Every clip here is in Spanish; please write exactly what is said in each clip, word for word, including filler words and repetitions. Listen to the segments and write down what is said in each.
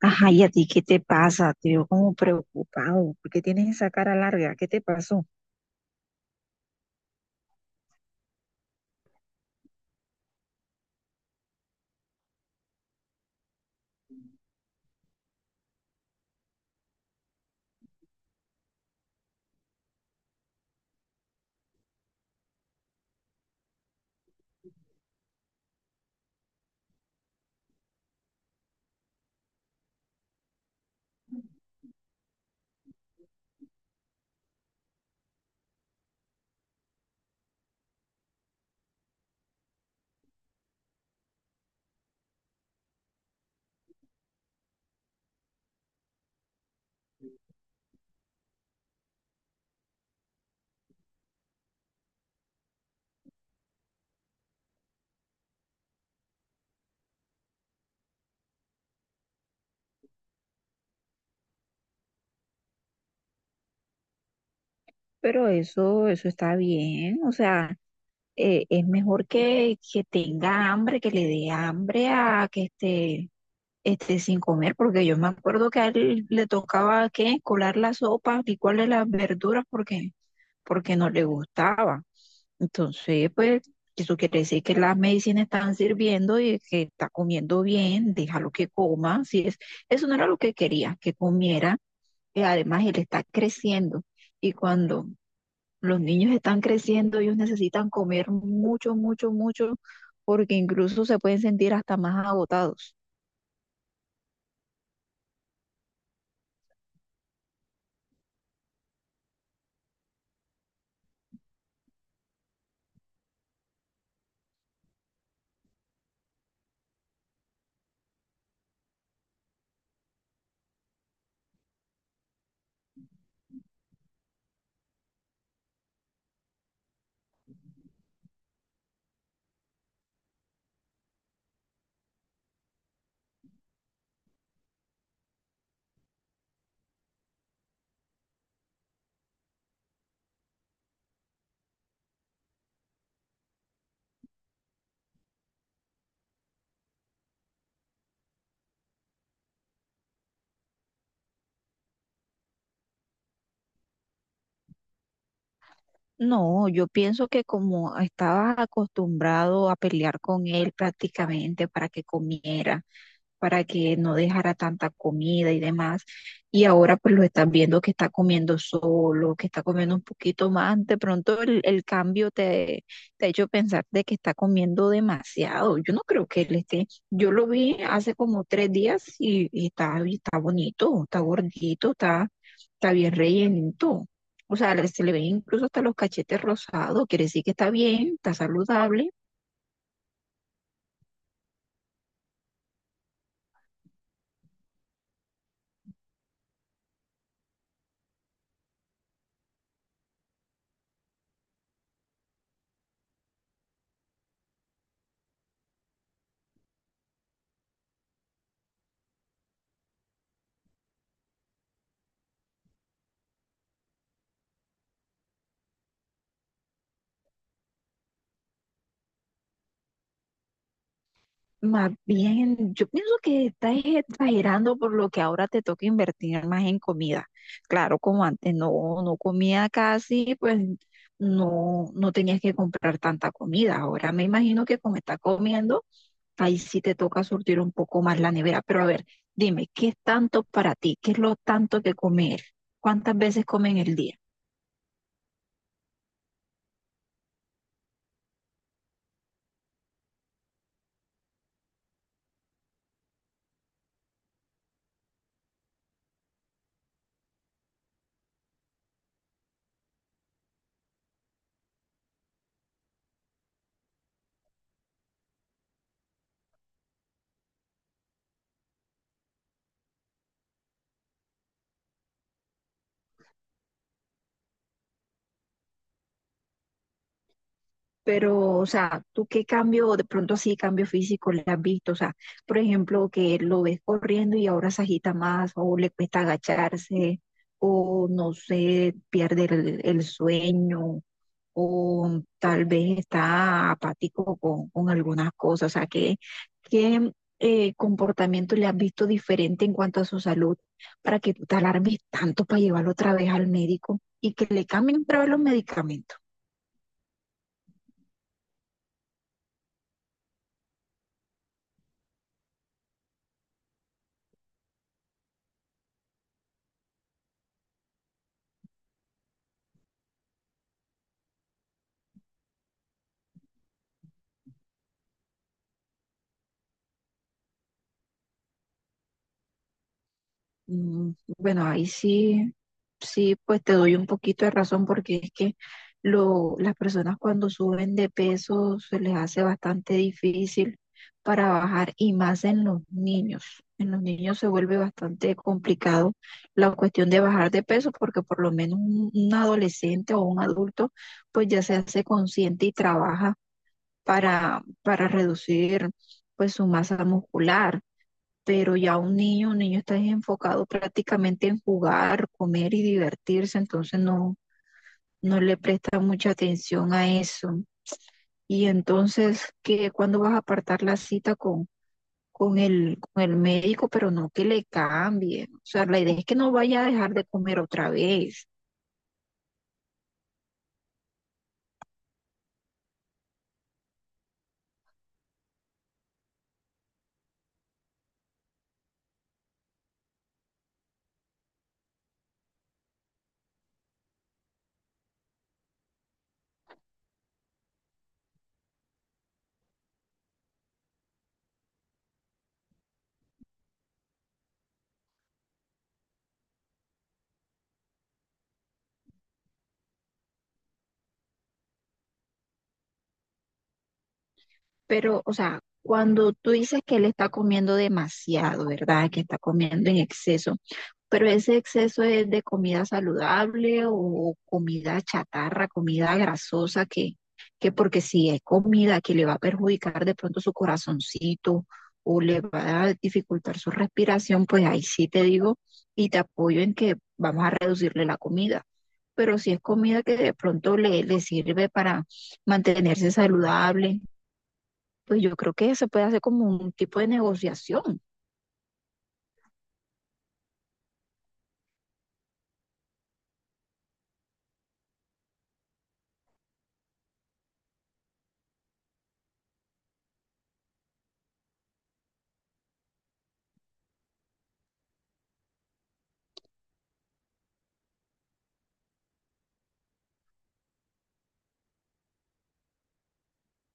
Ajá, ¿y a ti qué te pasa? Te veo como preocupado, ¿porque tienes esa cara larga? ¿Qué te pasó? Pero eso, eso está bien, o sea, eh, es mejor que, que tenga hambre, que le dé hambre a que esté, esté sin comer, porque yo me acuerdo que a él le tocaba, ¿qué? Colar la sopa, licuarle las verduras, porque, porque no le gustaba. Entonces, pues, eso quiere decir que las medicinas están sirviendo y que está comiendo bien, déjalo que coma. Si es, eso no era lo que quería, que comiera. Y además, él está creciendo. Y cuando los niños están creciendo, ellos necesitan comer mucho, mucho, mucho, porque incluso se pueden sentir hasta más agotados. No, yo pienso que como estaba acostumbrado a pelear con él prácticamente para que comiera para que no dejara tanta comida y demás. Y ahora pues lo estás viendo que está comiendo solo, que está comiendo un poquito más. De pronto el, el cambio te, te ha hecho pensar de que está comiendo demasiado. Yo no creo que él esté. Yo lo vi hace como tres días y, y está, y está bonito, está gordito, está, está bien rellenito. O sea, le- se le ven incluso hasta los cachetes rosados. Quiere decir que está bien, está saludable. Más bien, yo pienso que estás exagerando por lo que ahora te toca invertir más en comida. Claro, como antes no, no comía casi, pues no, no tenías que comprar tanta comida. Ahora me imagino que como estás comiendo, ahí sí te toca surtir un poco más la nevera. Pero a ver, dime, ¿qué es tanto para ti? ¿Qué es lo tanto que comer? ¿Cuántas veces comen el día? Pero, o sea, ¿tú qué cambio, de pronto así, cambio físico le has visto? O sea, por ejemplo, que lo ves corriendo y ahora se agita más, o le cuesta agacharse, o no sé, pierde el, el sueño, o tal vez está apático con, con algunas cosas. O sea, ¿qué, qué eh, comportamiento le has visto diferente en cuanto a su salud para que tú te alarmes tanto para llevarlo otra vez al médico y que le cambien otra vez los medicamentos? Mm, bueno, ahí sí, sí, pues te doy un poquito de razón porque es que lo, las personas cuando suben de peso se les hace bastante difícil para bajar y más en los niños. En los niños se vuelve bastante complicado la cuestión de bajar de peso porque por lo menos un, un adolescente o un adulto pues ya se hace consciente y trabaja para, para reducir pues su masa muscular, pero ya un niño, un niño está enfocado prácticamente en jugar, comer y divertirse, entonces no, no le presta mucha atención a eso. Y entonces, ¿qué, cuándo vas a apartar la cita con, con el, con el médico? Pero no que le cambie. O sea, la idea es que no vaya a dejar de comer otra vez. Pero, o sea, cuando tú dices que él está comiendo demasiado, ¿verdad? Que está comiendo en exceso. Pero ese exceso, ¿es de comida saludable o comida chatarra, comida grasosa, que, que? Porque si es comida que le va a perjudicar de pronto su corazoncito o le va a dificultar su respiración, pues ahí sí te digo y te apoyo en que vamos a reducirle la comida. Pero si es comida que de pronto le, le sirve para mantenerse saludable, pues yo creo que se puede hacer como un tipo de negociación.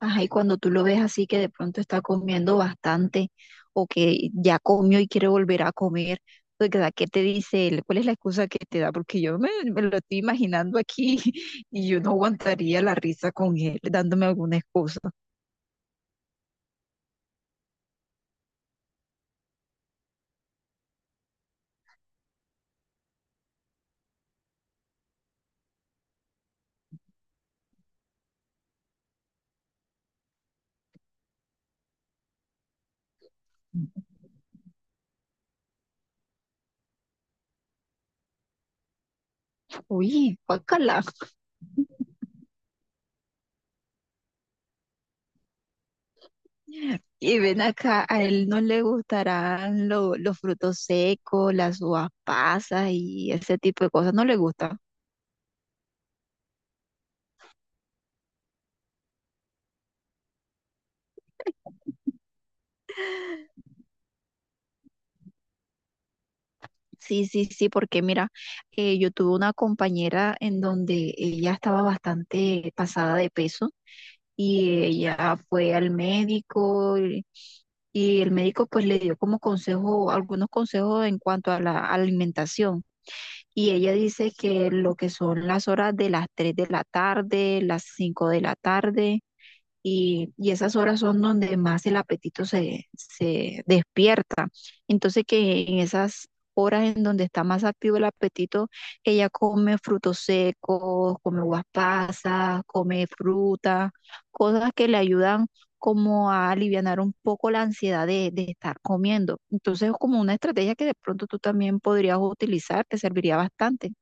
Ajá, y cuando tú lo ves así que de pronto está comiendo bastante o que ya comió y quiere volver a comer, pues, ¿verdad? ¿Qué te dice él? ¿Cuál es la excusa que te da? Porque yo me, me lo estoy imaginando aquí y yo no aguantaría la risa con él dándome alguna excusa. Uy, guácala. Y ven acá, a él no le gustarán lo- los frutos secos, las uvas pasas y ese tipo de cosas, no le gustan. Sí, sí, sí, porque mira, eh, yo tuve una compañera en donde ella estaba bastante pasada de peso y ella fue al médico y, y el médico pues le dio como consejo, algunos consejos en cuanto a la alimentación. Y ella dice que lo que son las horas de las tres de la tarde, las cinco de la tarde y, y esas horas son donde más el apetito se, se despierta. Entonces que en esas horas en donde está más activo el apetito, ella come frutos secos, come uvas pasas, come fruta, cosas que le ayudan como a alivianar un poco la ansiedad de, de estar comiendo. Entonces es como una estrategia que de pronto tú también podrías utilizar, te serviría bastante.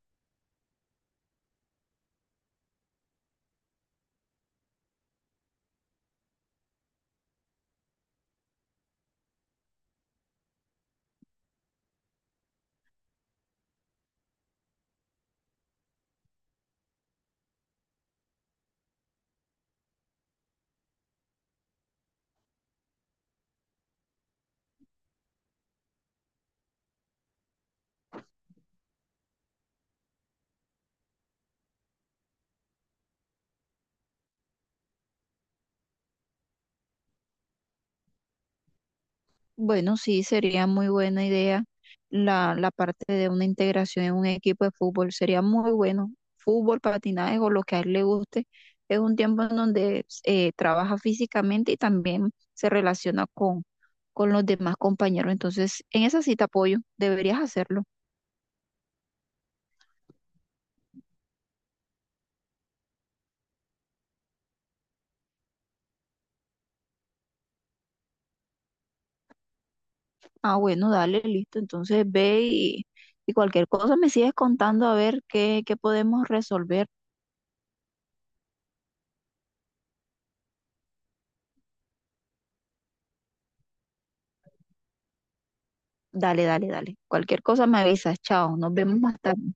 Bueno, sí, sería muy buena idea la, la parte de una integración en un equipo de fútbol. Sería muy bueno. Fútbol, patinaje o lo que a él le guste. Es un tiempo en donde eh, trabaja físicamente y también se relaciona con, con los demás compañeros. Entonces, en esa cita apoyo, deberías hacerlo. Ah, bueno, dale, listo. Entonces ve y, y cualquier cosa me sigues contando a ver qué, qué podemos resolver. Dale, dale, dale. Cualquier cosa me avisas. Chao, nos vemos más tarde.